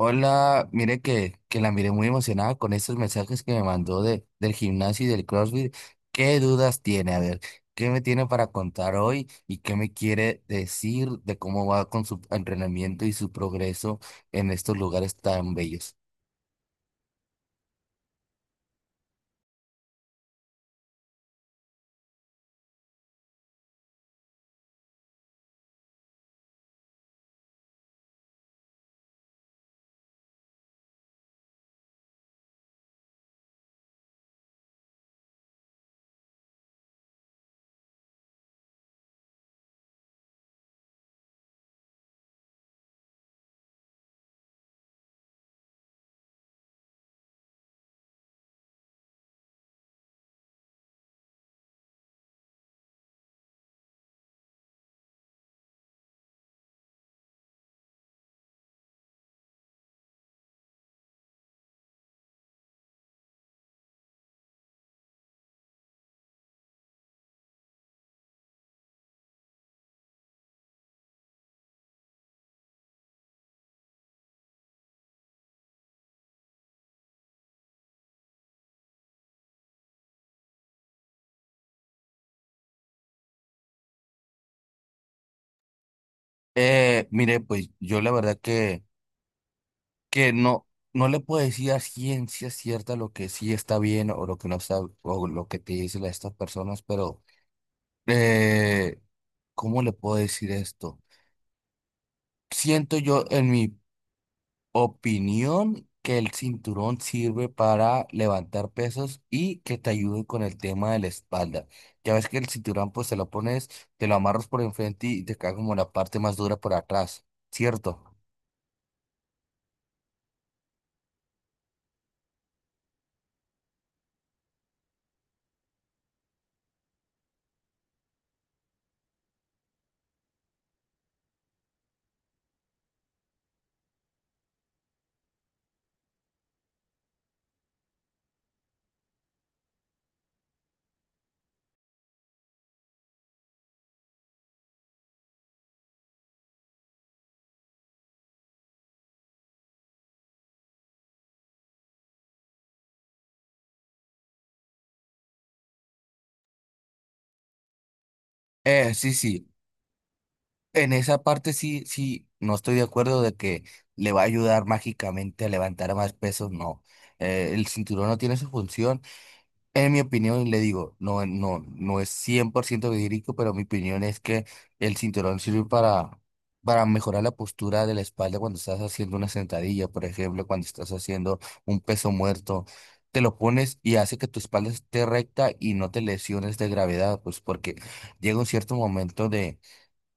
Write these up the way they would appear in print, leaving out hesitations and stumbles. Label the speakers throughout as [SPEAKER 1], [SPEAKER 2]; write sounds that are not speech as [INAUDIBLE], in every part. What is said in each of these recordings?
[SPEAKER 1] Hola, mire que la miré muy emocionada con estos mensajes que me mandó del gimnasio y del CrossFit. ¿Qué dudas tiene? A ver, ¿qué me tiene para contar hoy y qué me quiere decir de cómo va con su entrenamiento y su progreso en estos lugares tan bellos? Mire, pues yo la verdad que no, no le puedo decir a ciencia cierta lo que sí está bien o lo que no está, o lo que te dicen estas personas, pero eh, ¿cómo le puedo decir esto? Siento yo, en mi opinión, que el cinturón sirve para levantar pesos y que te ayude con el tema de la espalda. Ya ves que el cinturón, pues te lo pones, te lo amarras por enfrente y te cae como la parte más dura por atrás, ¿cierto? Sí, sí. En esa parte sí, sí, no estoy de acuerdo de que le va a ayudar mágicamente a levantar más pesos, no. El cinturón no tiene su función. En mi opinión, le digo, no, no, no es 100% verídico, pero mi opinión es que el cinturón sirve para mejorar la postura de la espalda cuando estás haciendo una sentadilla, por ejemplo, cuando estás haciendo un peso muerto. Te lo pones y hace que tu espalda esté recta y no te lesiones de gravedad, pues porque llega un cierto momento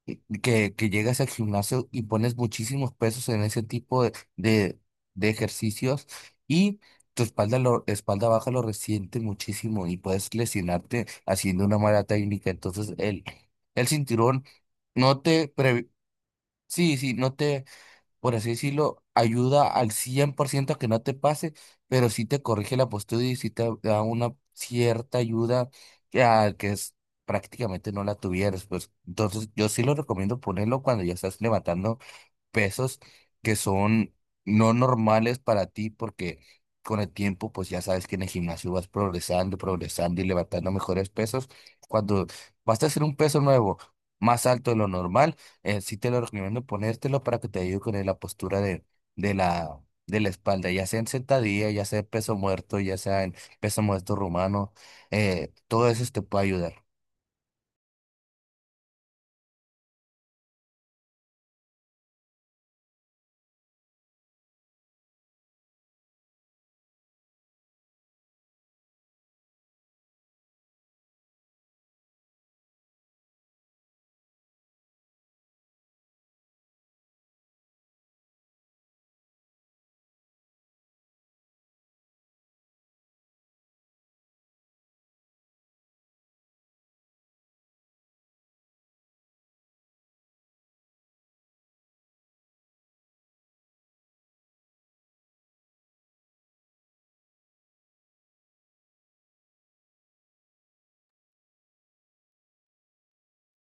[SPEAKER 1] que llegas al gimnasio y pones muchísimos pesos en ese tipo de ejercicios y tu espalda, lo, espalda baja lo resiente muchísimo y puedes lesionarte haciendo una mala técnica. Entonces el cinturón no te... sí, sí, no te, por así decirlo, ayuda al 100% a que no te pase, pero sí te corrige la postura y sí te da una cierta ayuda que es, prácticamente no la tuvieras. Pues. Entonces, yo sí lo recomiendo ponerlo cuando ya estás levantando pesos que son no normales para ti porque con el tiempo pues ya sabes que en el gimnasio vas progresando, progresando y levantando mejores pesos. Cuando vas a hacer un peso nuevo más alto de lo normal, sí te lo recomiendo ponértelo para que te ayude con la postura de la, de la espalda, ya sea en sentadilla, ya sea en peso muerto, ya sea en peso muerto rumano. Todo eso te puede ayudar.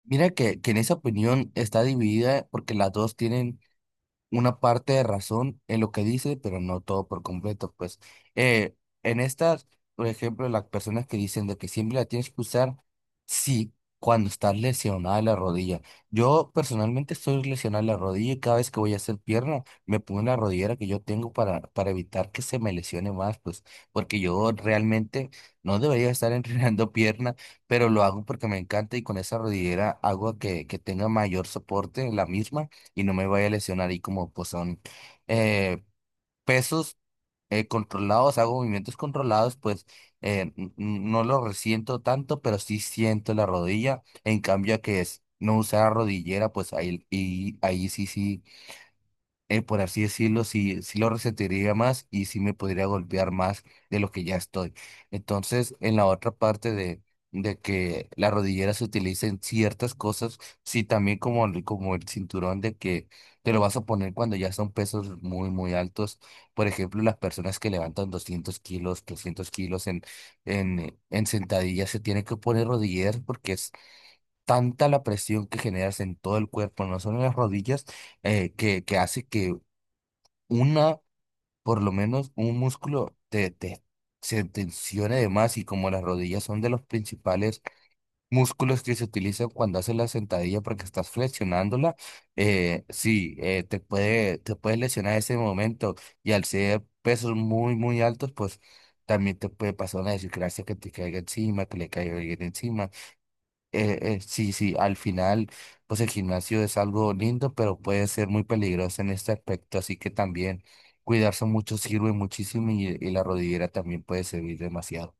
[SPEAKER 1] Mira que en esa opinión está dividida porque las dos tienen una parte de razón en lo que dice, pero no todo por completo, pues. Eh, en estas, por ejemplo, las personas que dicen de que siempre la tienes que usar, sí, cuando estás lesionada de la rodilla. Yo personalmente estoy lesionada de la rodilla y cada vez que voy a hacer pierna, me pongo en la rodillera que yo tengo para evitar que se me lesione más, pues, porque yo realmente no debería estar [LAUGHS] entrenando pierna, pero lo hago porque me encanta y con esa rodillera hago que tenga mayor soporte en la misma y no me vaya a lesionar. Y como pues son eh, pesos controlados, hago movimientos controlados, pues no lo resiento tanto, pero sí siento la rodilla. En cambio a que es no usar rodillera, pues ahí, y ahí sí, sí, por así decirlo, sí, sí lo resentiría más y sí me podría golpear más de lo que ya estoy. Entonces, en la otra parte de que la rodillera se utilice en ciertas cosas, sí también como, como el cinturón de que te lo vas a poner cuando ya son pesos muy, muy altos. Por ejemplo, las personas que levantan 200 kilos, 300 kilos en sentadillas se tienen que poner rodilleras porque es tanta la presión que generas en todo el cuerpo, no solo en las rodillas, que hace que una, por lo menos un músculo se tensione de más y como las rodillas son de los principales músculos que se utilizan cuando haces la sentadilla porque estás flexionándola, sí, te puede, te puedes lesionar ese momento y al ser pesos muy, muy altos, pues también te puede pasar una desgracia que te caiga encima, que le caiga alguien encima. Sí, sí, al final, pues el gimnasio es algo lindo, pero puede ser muy peligroso en este aspecto, así que también cuidarse mucho sirve muchísimo y la rodillera también puede servir demasiado.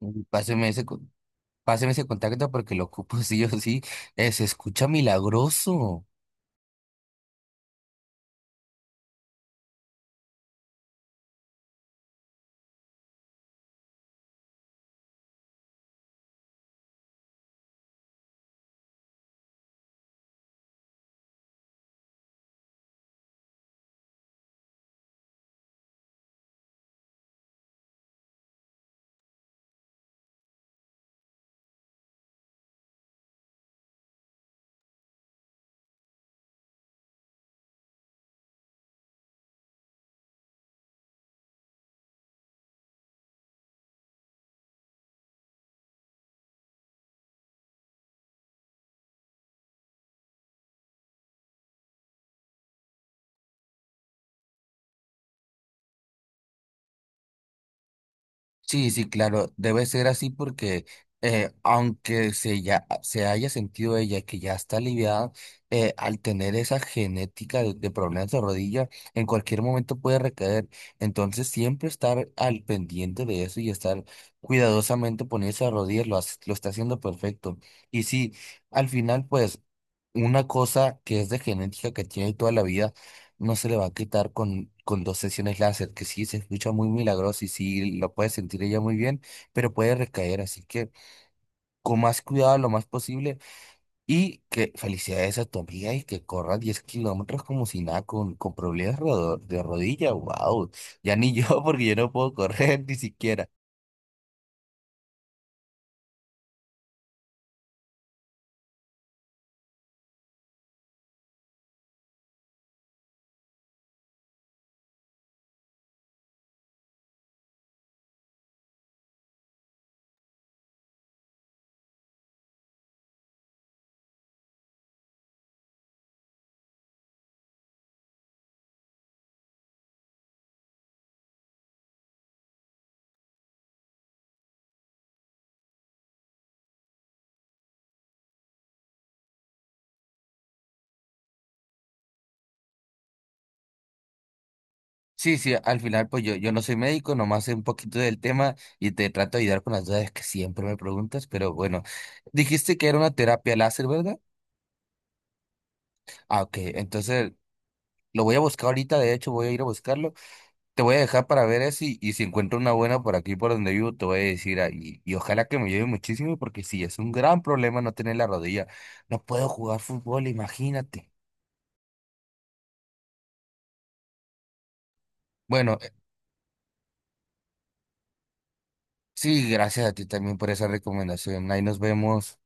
[SPEAKER 1] Mm, páseme ese contacto porque lo ocupo [LAUGHS] sí o sí. Se escucha milagroso. Sí, sí, claro, debe ser así porque, aunque se, ya, se haya sentido ella que ya está aliviada, al tener esa genética de problemas de rodilla, en cualquier momento puede recaer. Entonces, siempre estar al pendiente de eso y estar cuidadosamente poniendo a rodillas lo, lo está haciendo perfecto. Y sí, al final, pues, una cosa que es de genética que tiene toda la vida no se le va a quitar con dos sesiones láser, que sí se escucha muy milagroso y sí lo puede sentir ella muy bien, pero puede recaer, así que con más cuidado lo más posible y que felicidades a tu amiga y que corra 10 kilómetros como si nada, con problemas de rodilla, wow, ya ni yo [LAUGHS] porque yo no puedo correr ni siquiera. Sí, sí, al final pues yo no soy médico, nomás sé un poquito del tema y te trato de ayudar con las dudas que siempre me preguntas, pero bueno, dijiste que era una terapia láser, ¿verdad? Ah, ok. Entonces, lo voy a buscar ahorita, de hecho, voy a ir a buscarlo. Te voy a dejar para ver eso y si encuentro una buena por aquí, por donde vivo, te voy a decir ahí. Y ojalá que me lleve muchísimo porque sí, es un gran problema no tener la rodilla. No puedo jugar fútbol, imagínate. Bueno, sí, gracias a ti también por esa recomendación. Ahí nos vemos.